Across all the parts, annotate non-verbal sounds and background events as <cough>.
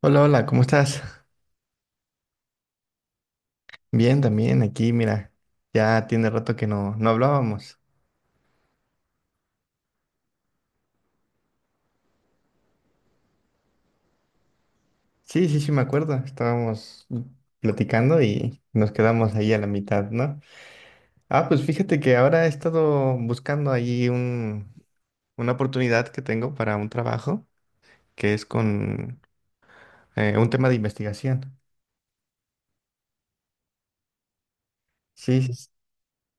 Hola, hola, ¿cómo estás? Bien, también aquí, mira, ya tiene rato que no hablábamos. Sí, sí, sí, me acuerdo, estábamos platicando y nos quedamos ahí a la mitad, ¿no? Ah, pues fíjate que ahora he estado buscando ahí una oportunidad que tengo para un trabajo que es con un tema de investigación. Sí, sí, s-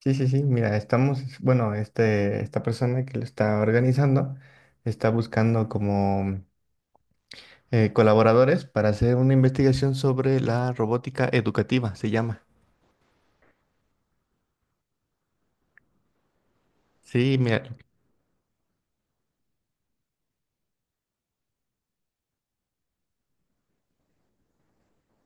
sí, sí, sí, mira, estamos, bueno, esta persona que lo está organizando está buscando como... colaboradores para hacer una investigación sobre la robótica educativa, se llama. Sí, mira,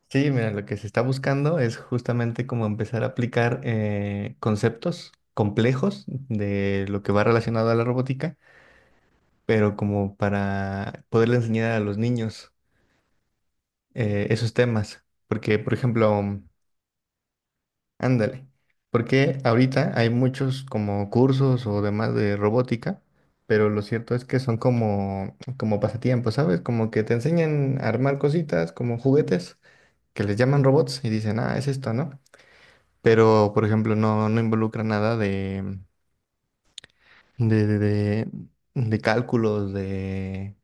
sí, mira, lo que se está buscando es justamente como empezar a aplicar conceptos complejos de lo que va relacionado a la robótica, pero como para poderle enseñar a los niños esos temas. Porque, por ejemplo, ándale, porque ahorita hay muchos como cursos o demás de robótica, pero lo cierto es que son como, como pasatiempos, ¿sabes? Como que te enseñan a armar cositas como juguetes que les llaman robots y dicen, ah, es esto, ¿no? Pero, por ejemplo, no involucra nada de de- cálculos, de,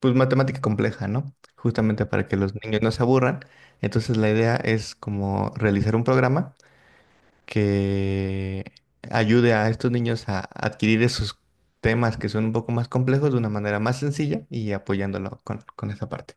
pues, matemática compleja, ¿no? Justamente para que los niños no se aburran. Entonces, la idea es como realizar un programa que ayude a estos niños a adquirir esos temas que son un poco más complejos de una manera más sencilla y apoyándolo con esa parte.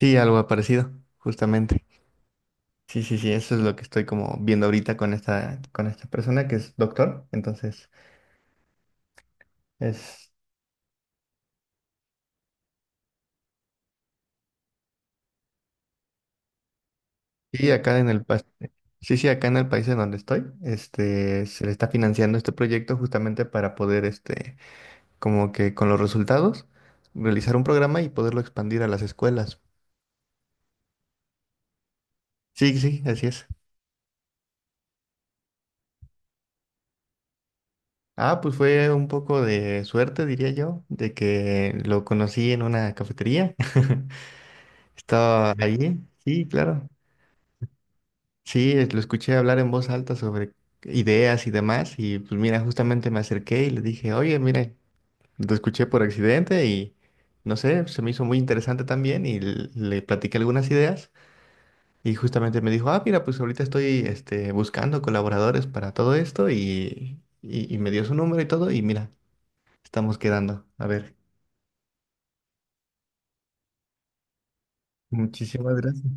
Sí, algo parecido, justamente. Sí, sí, sí, eso es lo que estoy como viendo ahorita con esta persona que es doctor. Entonces, es, sí, acá en el, pas- sí, sí, acá en el país en donde estoy, este, se le está financiando este proyecto justamente para poder, este, como que con los resultados, realizar un programa y poderlo expandir a las escuelas. Sí, sí, así es. Ah, pues fue un poco de suerte, diría yo, de que lo conocí en una cafetería. <laughs> Estaba allí, sí, claro. Lo escuché hablar en voz alta sobre ideas y demás. Y pues mira, justamente me acerqué y le dije, oye, mire, lo escuché por accidente y no sé, se me hizo muy interesante también y le platiqué algunas ideas. Y justamente me dijo, ah, mira, pues ahorita estoy este, buscando colaboradores para todo esto y me dio su número y todo. Y mira. Estamos quedando. A ver, muchísimas gracias.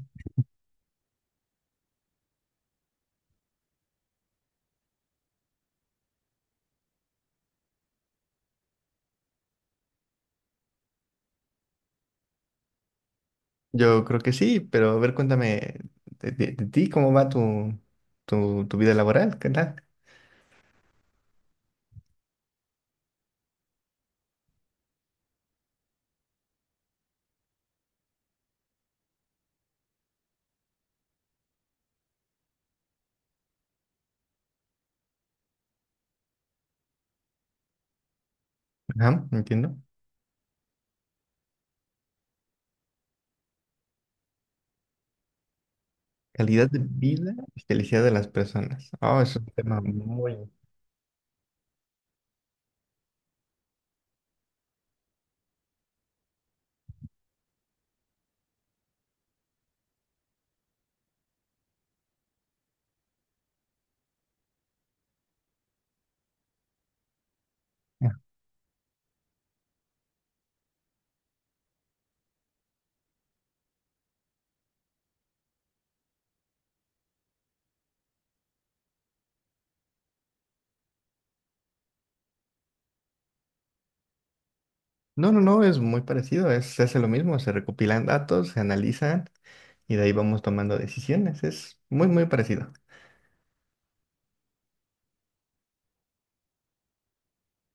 Yo creo que sí, pero a ver, cuéntame de ti, ¿cómo va tu, tu vida laboral? ¿Qué tal? Ajá, entiendo. Calidad de vida y felicidad de las personas. Oh, es un tema muy... Ah. No, no, no, es muy parecido. Se hace lo mismo, se recopilan datos, se analizan y de ahí vamos tomando decisiones. Es muy, muy parecido.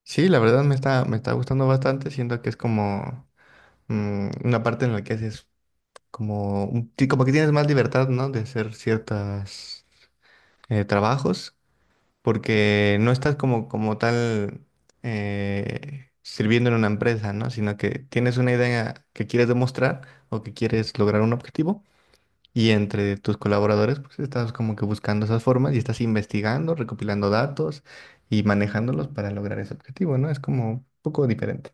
Sí, la verdad me está gustando bastante, siento que es como una parte en la que haces como, como que tienes más libertad, ¿no? De hacer ciertos trabajos, porque no estás como, como tal sirviendo en una empresa, ¿no? Sino que tienes una idea que quieres demostrar o que quieres lograr un objetivo y entre tus colaboradores, pues estás como que buscando esas formas y estás investigando, recopilando datos y manejándolos para lograr ese objetivo, ¿no? Es como un poco diferente.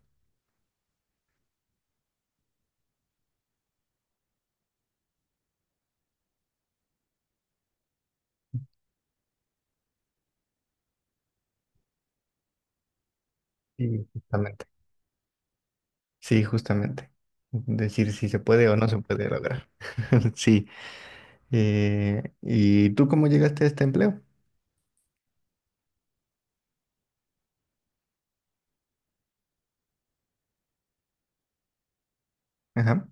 Sí. Justamente. Sí, justamente. Decir si se puede o no se puede lograr. <laughs> Sí. ¿Y tú cómo llegaste a este empleo? Ajá.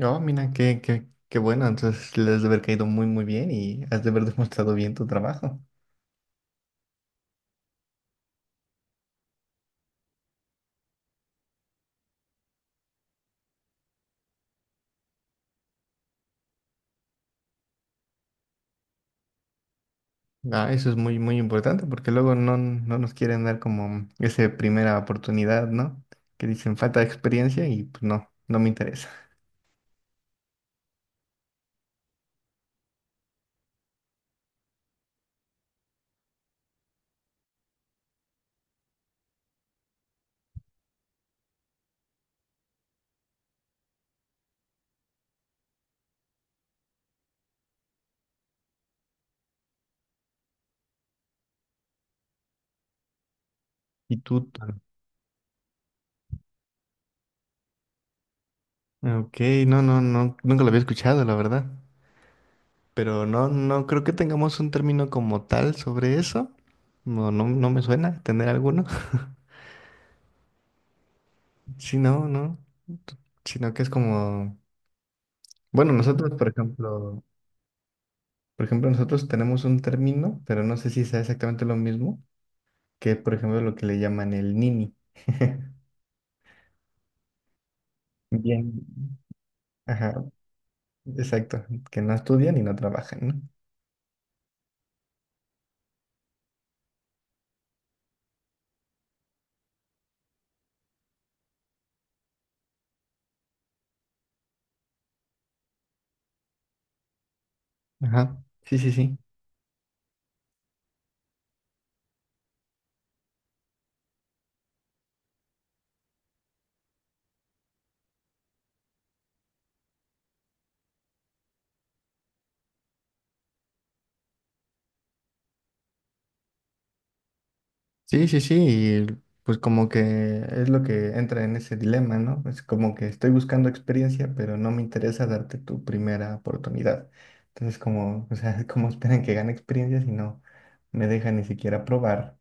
Oh, mira, qué bueno. Entonces les has de haber caído muy, muy bien y has de haber <laughs> demostrado bien tu trabajo. Ah, eso es muy, muy importante porque luego no nos quieren dar como esa primera oportunidad, ¿no? Que dicen falta de experiencia y pues no me interesa. ¿Y tú? ¿Tano? Ok, no, no, no, nunca lo había escuchado, la verdad. Pero no creo que tengamos un término como tal sobre eso. No, no, no me suena tener alguno. <laughs> Sí, no, no. Sino que es como, bueno, nosotros, por ejemplo, nosotros tenemos un término, pero no sé si sea exactamente lo mismo, que por ejemplo, lo que le llaman el nini. <laughs> Bien. Ajá, exacto. Que no estudian y no trabajan, ¿no? Ajá. Sí, sí, sí. Sí, sí, sí, y pues como que es lo que entra en ese dilema, ¿no? Es como que estoy buscando experiencia, pero no me interesa darte tu primera oportunidad. Entonces, como, o sea, <laughs> como esperan que gane experiencia si no me dejan ni siquiera probar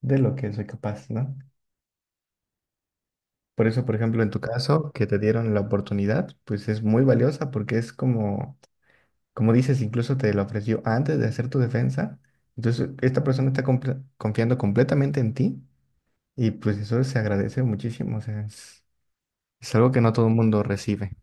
de lo que soy capaz, ¿no? Por eso, por ejemplo, en tu caso, que te dieron la oportunidad, pues es muy valiosa porque es como, como dices, incluso te la ofreció antes de hacer tu defensa. Entonces, esta persona está confiando completamente en ti. Y pues eso se agradece muchísimo, o sea, es algo que no todo el mundo recibe.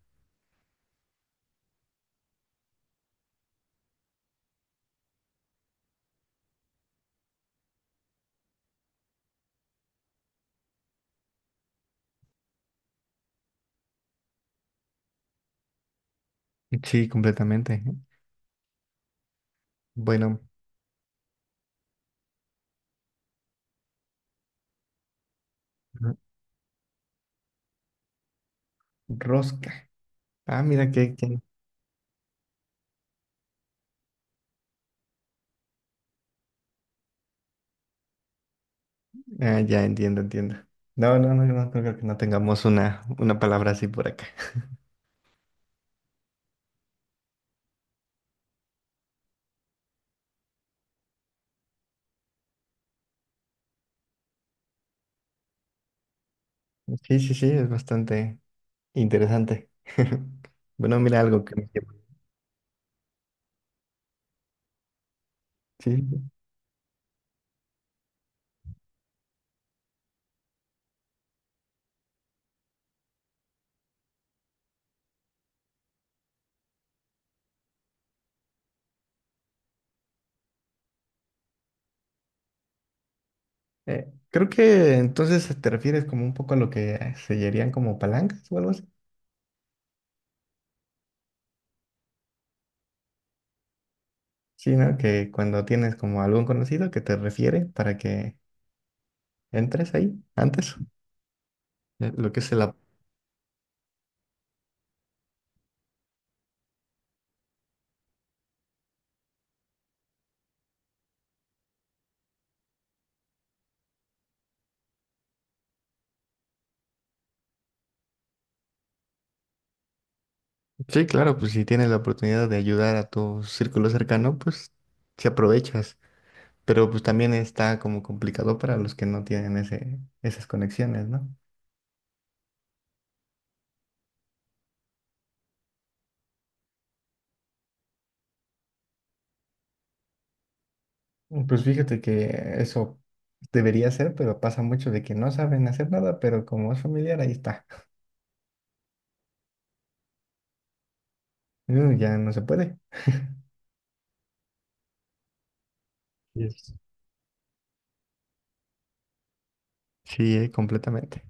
Sí, completamente. Bueno, r- rosca. Ah, mira que- ah, ya entiendo, entiendo. No, no, no, no creo que no tengamos una palabra así por acá. Sí, sí, sí, es bastante interesante. <laughs> Bueno, mira algo que me llevo. Sí. sí, sí. Creo que entonces te refieres como un poco a lo que sellarían como palancas o algo así. Sí, ¿no? Que cuando tienes como algún conocido que te refiere para que entres ahí antes. Lo que es el... sí, claro, pues si tienes la oportunidad de ayudar a tu círculo cercano, pues si aprovechas. Pero pues también está como complicado para los que no tienen esas conexiones, ¿no? Mm, pues fíjate que eso debería ser, pero pasa mucho de que no saben hacer nada, pero como es familiar, ahí está. Ya no se puede. Yes. Sí, completamente.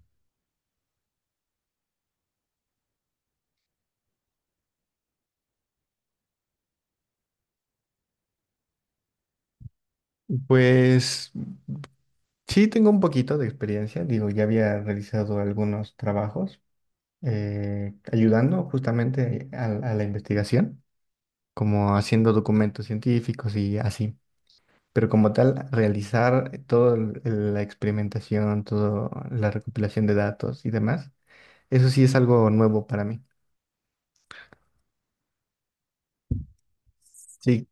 Pues sí, tengo un poquito de experiencia. Digo, ya había realizado algunos trabajos ayudando justamente a la investigación, como haciendo documentos científicos y así. Pero como tal, realizar toda la experimentación, toda la recopilación de datos y demás, eso sí es algo nuevo para mí. Sí,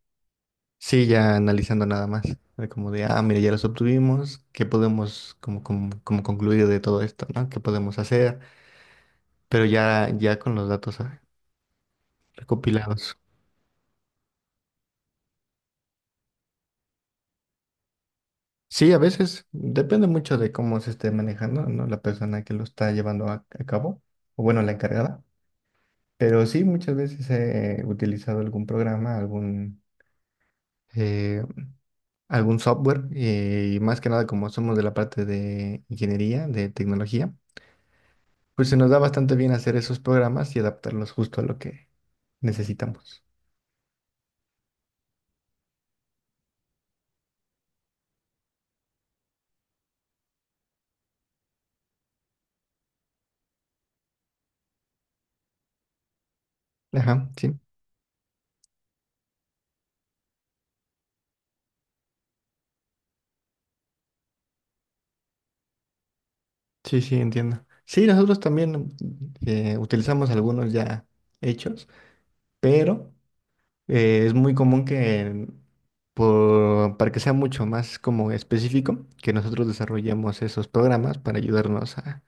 sí, ya analizando nada más, de como de, ah, mira, ya los obtuvimos, ¿qué podemos como concluir de todo esto, ¿no? ¿Qué podemos hacer? Pero ya, ya con los datos ah, recopilados. Sí, a veces depende mucho de cómo se esté manejando, ¿no? La persona que lo está llevando a cabo, o bueno, la encargada. Pero sí, muchas veces he utilizado eh, algún software, y más que nada como somos de la parte de ingeniería, de tecnología, pues se nos da bastante bien hacer esos programas y adaptarlos justo a lo que necesitamos. Ajá, sí, sí, sí, entiendo. Sí, nosotros también utilizamos algunos ya hechos, pero... es muy común que, para que sea mucho más como específico, que nosotros desarrollemos esos programas para ayudarnos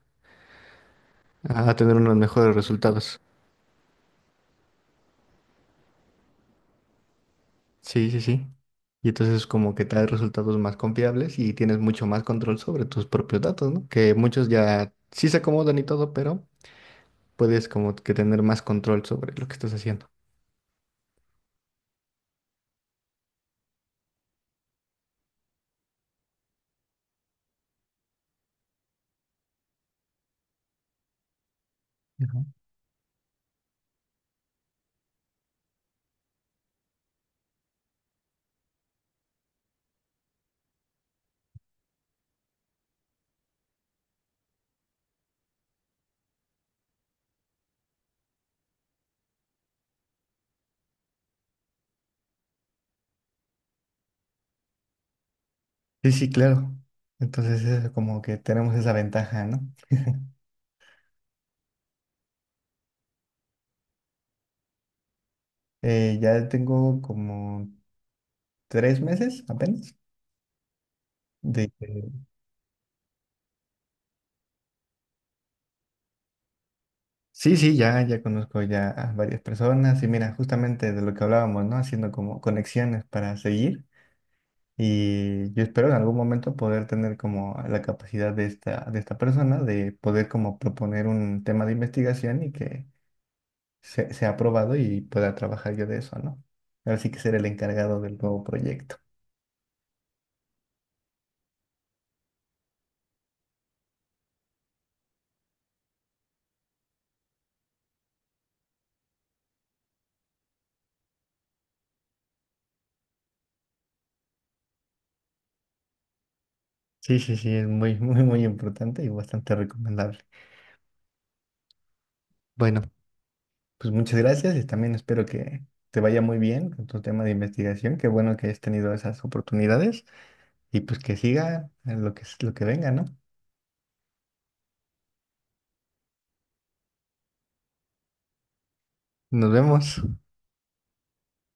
a tener unos mejores resultados. Sí, sí, sí. Y entonces como que trae resultados más confiables y tienes mucho más control sobre tus propios datos, ¿no? Que muchos ya sí se acomodan y todo, pero puedes como que tener más control sobre lo que estás haciendo. Ujú. Sí, sí, claro. Entonces es como que tenemos esa ventaja, ¿no? <laughs> Ya tengo como 3 meses apenas. De, que- sí, sí, ya, ya conozco ya a varias personas y mira, justamente de lo que hablábamos, ¿no? Haciendo como conexiones para seguir y yo espero en algún momento poder tener como la capacidad de esta persona de poder como proponer un tema de investigación y que sea aprobado y pueda trabajar yo de eso, ¿no? Ahora sí que ser el encargado del nuevo proyecto. Sí, sí, sí, es muy, <laughs> muy, muy importante y bastante recomendable. Bueno. Pues muchas gracias y también espero que te vaya muy bien con tu tema de investigación. Qué bueno que hayas tenido esas oportunidades y pues que siga lo que venga, ¿no? Nos vemos.